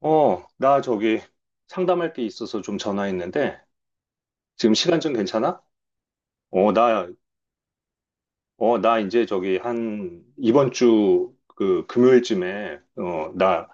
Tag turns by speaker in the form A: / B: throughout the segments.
A: 나 저기 상담할 게 있어서 좀 전화했는데, 지금 시간 좀 괜찮아? 어, 나, 나 이제 저기 한 이번 주 그 금요일쯤에, 나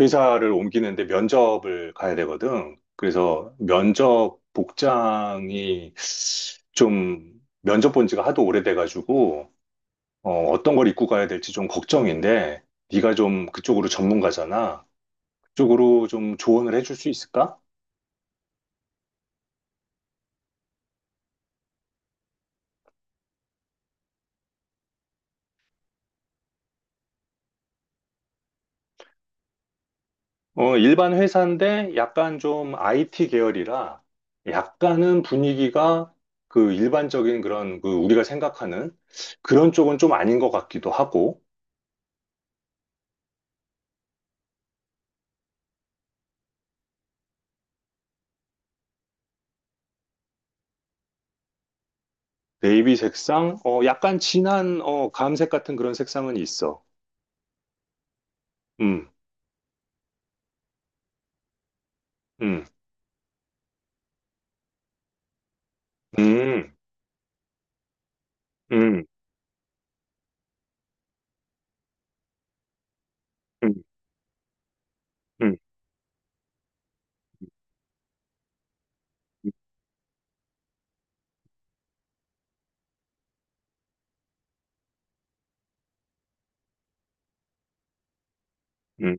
A: 회사를 옮기는데 면접을 가야 되거든. 그래서 면접 복장이 좀 면접 본 지가 하도 오래돼가지고, 어떤 걸 입고 가야 될지 좀 걱정인데, 네가 좀 그쪽으로 전문가잖아. 그쪽으로 좀 조언을 해줄 수 있을까? 일반 회사인데 약간 좀 IT 계열이라 약간은 분위기가 그 일반적인 그런 그 우리가 생각하는 그런 쪽은 좀 아닌 것 같기도 하고. 네이비 색상, 약간 진한 감색 같은 그런 색상은 있어. 음. 음. 음. 음. 음. 음. 음.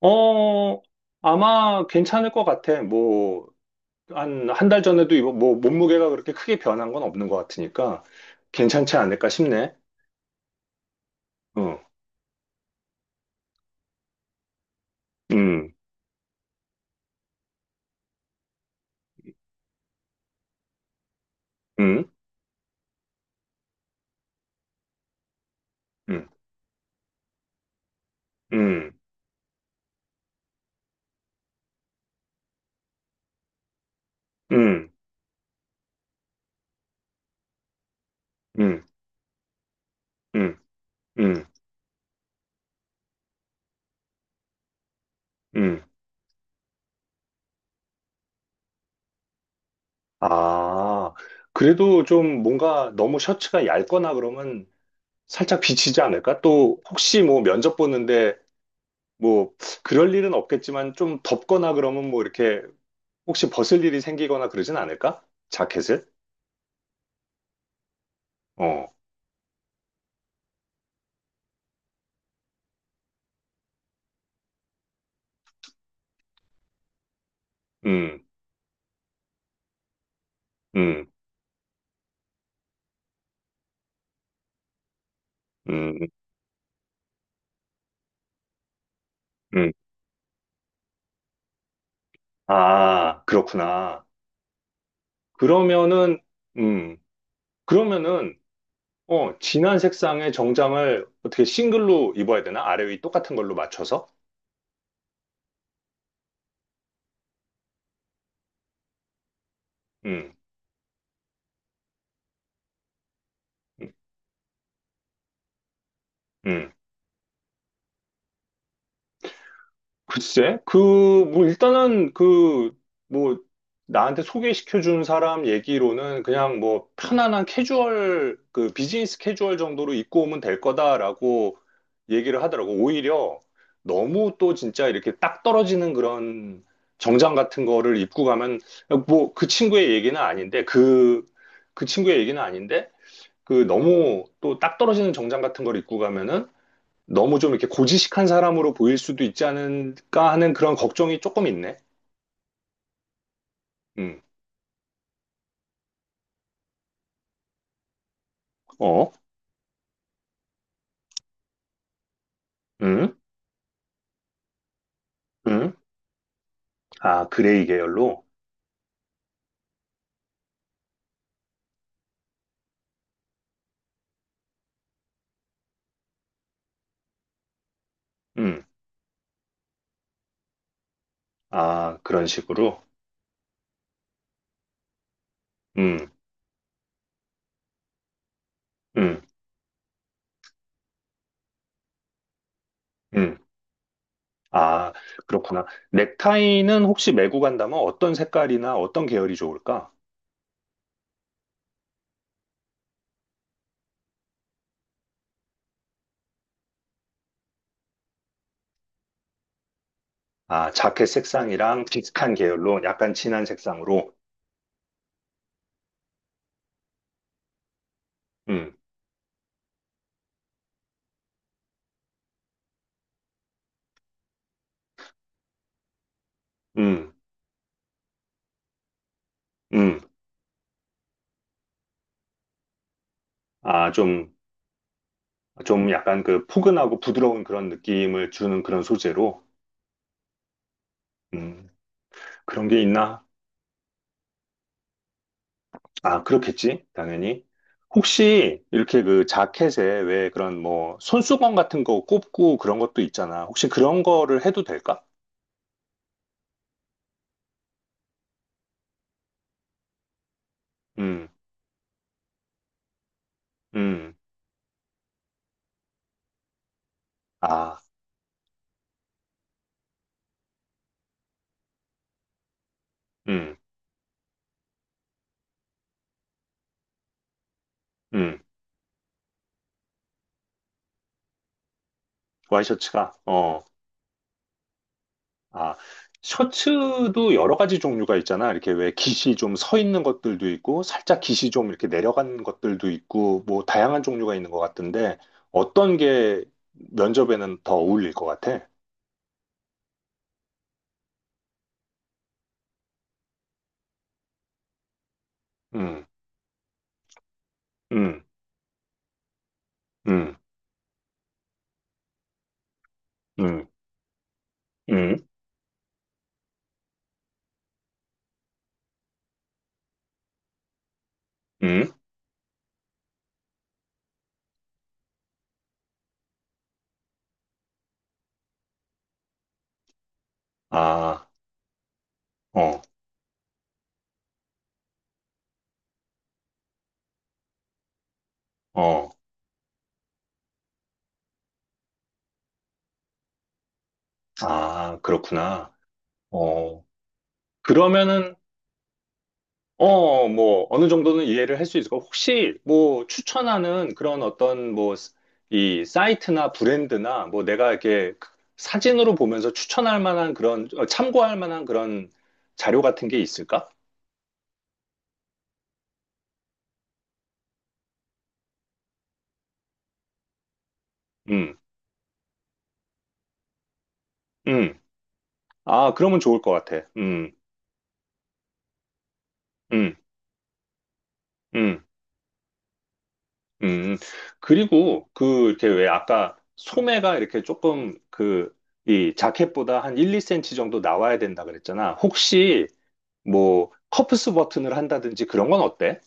A: 어, 아마 괜찮을 것 같아. 뭐, 한, 한 달 전에도 입어, 뭐, 몸무게가 그렇게 크게 변한 건 없는 것 같으니까 괜찮지 않을까 싶네. 어. 음. 음. 음. 음. 음. 음. 음. 음. 음. 아, 그래도 좀 뭔가 너무 셔츠가 얇거나 그러면 살짝 비치지 않을까? 또 혹시 뭐 면접 보는데 뭐 그럴 일은 없겠지만 좀 덥거나 그러면 뭐 이렇게 혹시 벗을 일이 생기거나 그러진 않을까? 자켓을? 어. 음. 음. 음. 음. 아, 그렇구나. 그러면은, 음, 그러면은 진한 색상의 정장을 어떻게 싱글로 입어야 되나? 아래 위 똑같은 걸로 맞춰서? 음. 음. 음. 글쎄, 그, 뭐, 일단은 그, 뭐, 나한테 소개시켜준 사람 얘기로는 그냥 뭐, 편안한 캐주얼, 그, 비즈니스 캐주얼 정도로 입고 오면 될 거다라고 얘기를 하더라고. 오히려 너무 또 진짜 이렇게 딱 떨어지는 그런 정장 같은 거를 입고 가면, 뭐, 그 친구의 얘기는 아닌데, 그, 그 친구의 얘기는 아닌데, 그 너무 또 딱 떨어지는 정장 같은 걸 입고 가면은 너무 좀 이렇게 고지식한 사람으로 보일 수도 있지 않을까 하는 그런 걱정이 조금 있네. 음. 어. 음. 음. 아, 그레이 계열로, 음, 아, 그런 식으로, 음. 음. 음. 아, 그렇구나. 넥타이는 혹시 메고 간다면 어떤 색깔이나 어떤 계열이 좋을까? 아, 자켓 색상이랑 비슷한 계열로 약간 진한 색상으로, 음. 음. 음. 아, 좀 약간 그 포근하고 부드러운 그런 느낌을 주는 그런 소재로, 음, 그런 게 있나? 아, 그렇겠지, 당연히. 혹시 이렇게 그 자켓에 왜 그런 뭐 손수건 같은 거 꼽고 그런 것도 있잖아. 혹시 그런 거를 해도 될까? 음. 음. 아. 음. 음. 와이셔츠가, 어. 아, 셔츠도 여러 가지 종류가 있잖아. 이렇게 왜 깃이 좀 서 있는 것들도 있고, 살짝 깃이 좀 이렇게 내려간 것들도 있고, 뭐 다양한 종류가 있는 것 같은데, 어떤 게 면접에는 더 어울릴 것 같아? 음. 음. 음. 음. 음. 음. 아. 어. 어. 아, 그렇구나. 어, 그러면은 뭐, 어느 정도는 이해를 할 수 있을 거. 혹시, 뭐, 추천하는 그런 어떤, 뭐, 이 사이트나 브랜드나, 뭐, 내가 이렇게 사진으로 보면서 추천할 만한 그런, 참고할 만한 그런 자료 같은 게 있을까? 음. 음. 아, 그러면 좋을 것 같아. 음. 음. 음. 음. 그리고, 그, 이렇게 왜 아까 소매가 이렇게 조금 그, 이 자켓보다 한 1, 2센치 정도 나와야 된다 그랬잖아. 혹시, 뭐, 커프스 버튼을 한다든지 그런 건 어때?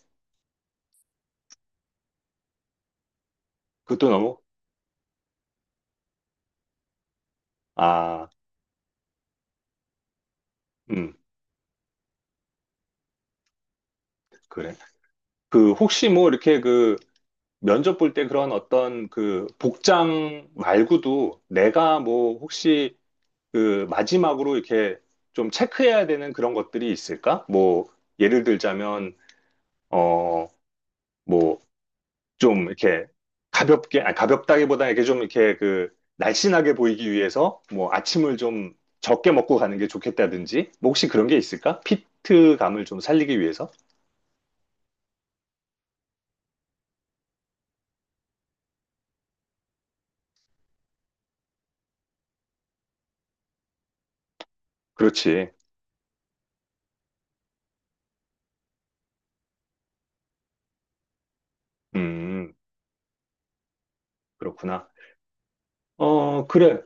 A: 그것도 너무, 아, 음, 그래. 그, 혹시 뭐, 이렇게 그, 면접 볼 때 그런 어떤 그, 복장 말고도 내가 뭐, 혹시 그, 마지막으로 이렇게 좀 체크해야 되는 그런 것들이 있을까? 뭐, 예를 들자면, 어, 뭐, 좀 이렇게 가볍게, 아니 가볍다기보다 이렇게 좀 이렇게 그 날씬하게 보이기 위해서 뭐 아침을 좀 적게 먹고 가는 게 좋겠다든지, 뭐 혹시 그런 게 있을까? 피트감을 좀 살리기 위해서? 그렇지. 음. 그렇구나. 어, 그래.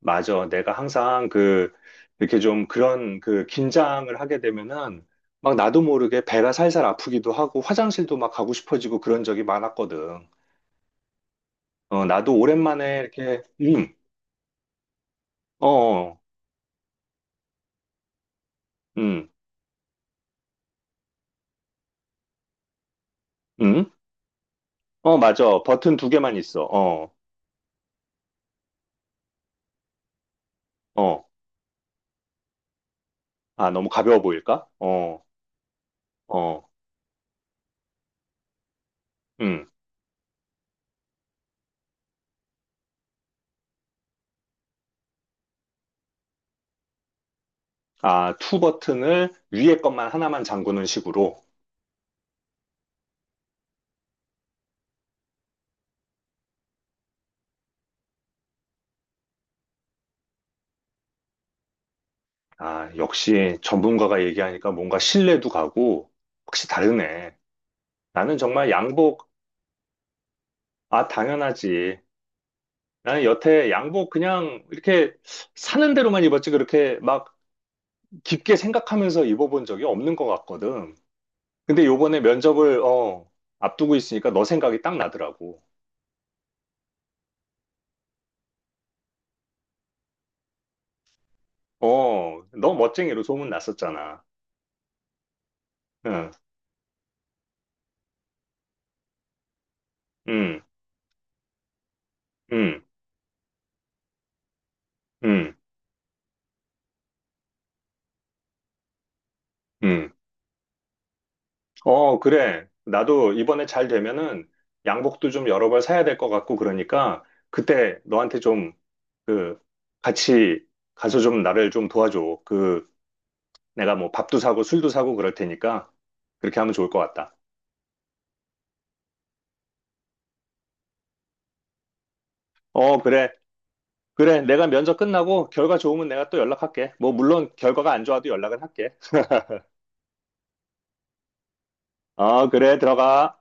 A: 맞아. 내가 항상 그, 이렇게 좀 그런 그 긴장을 하게 되면은 막 나도 모르게 배가 살살 아프기도 하고 화장실도 막 가고 싶어지고 그런 적이 많았거든. 어, 나도 오랜만에 이렇게, 음. 어. 어. 음. 음. 어, 맞아. 버튼 두 개만 있어. 어. 어. 아, 너무 가벼워 보일까? 어. 어. 음. 아, 투 버튼을 위에 것만 하나만 잠그는 식으로. 아, 역시 전문가가 얘기하니까 뭔가 신뢰도 가고, 확실히 다르네. 나는 정말 양복, 아, 당연하지. 나는 여태 양복 그냥 이렇게 사는 대로만 입었지, 그렇게 막 깊게 생각하면서 입어본 적이 없는 것 같거든. 근데 요번에 면접을, 앞두고 있으니까 너 생각이 딱 나더라고. 어, 너 멋쟁이로 소문 났었잖아. 응. 응. 응. 응. 응. 어, 그래. 나도 이번에 잘 되면은 양복도 좀 여러 벌 사야 될 것 같고 그러니까 그때 너한테 좀 그 같이 가서 좀 나를 좀 도와줘. 그 내가 뭐 밥도 사고 술도 사고 그럴 테니까 그렇게 하면 좋을 것 같다. 어, 그래. 그래. 내가 면접 끝나고 결과 좋으면 내가 또 연락할게. 뭐 물론 결과가 안 좋아도 연락은 할게. 어, 그래. 들어가.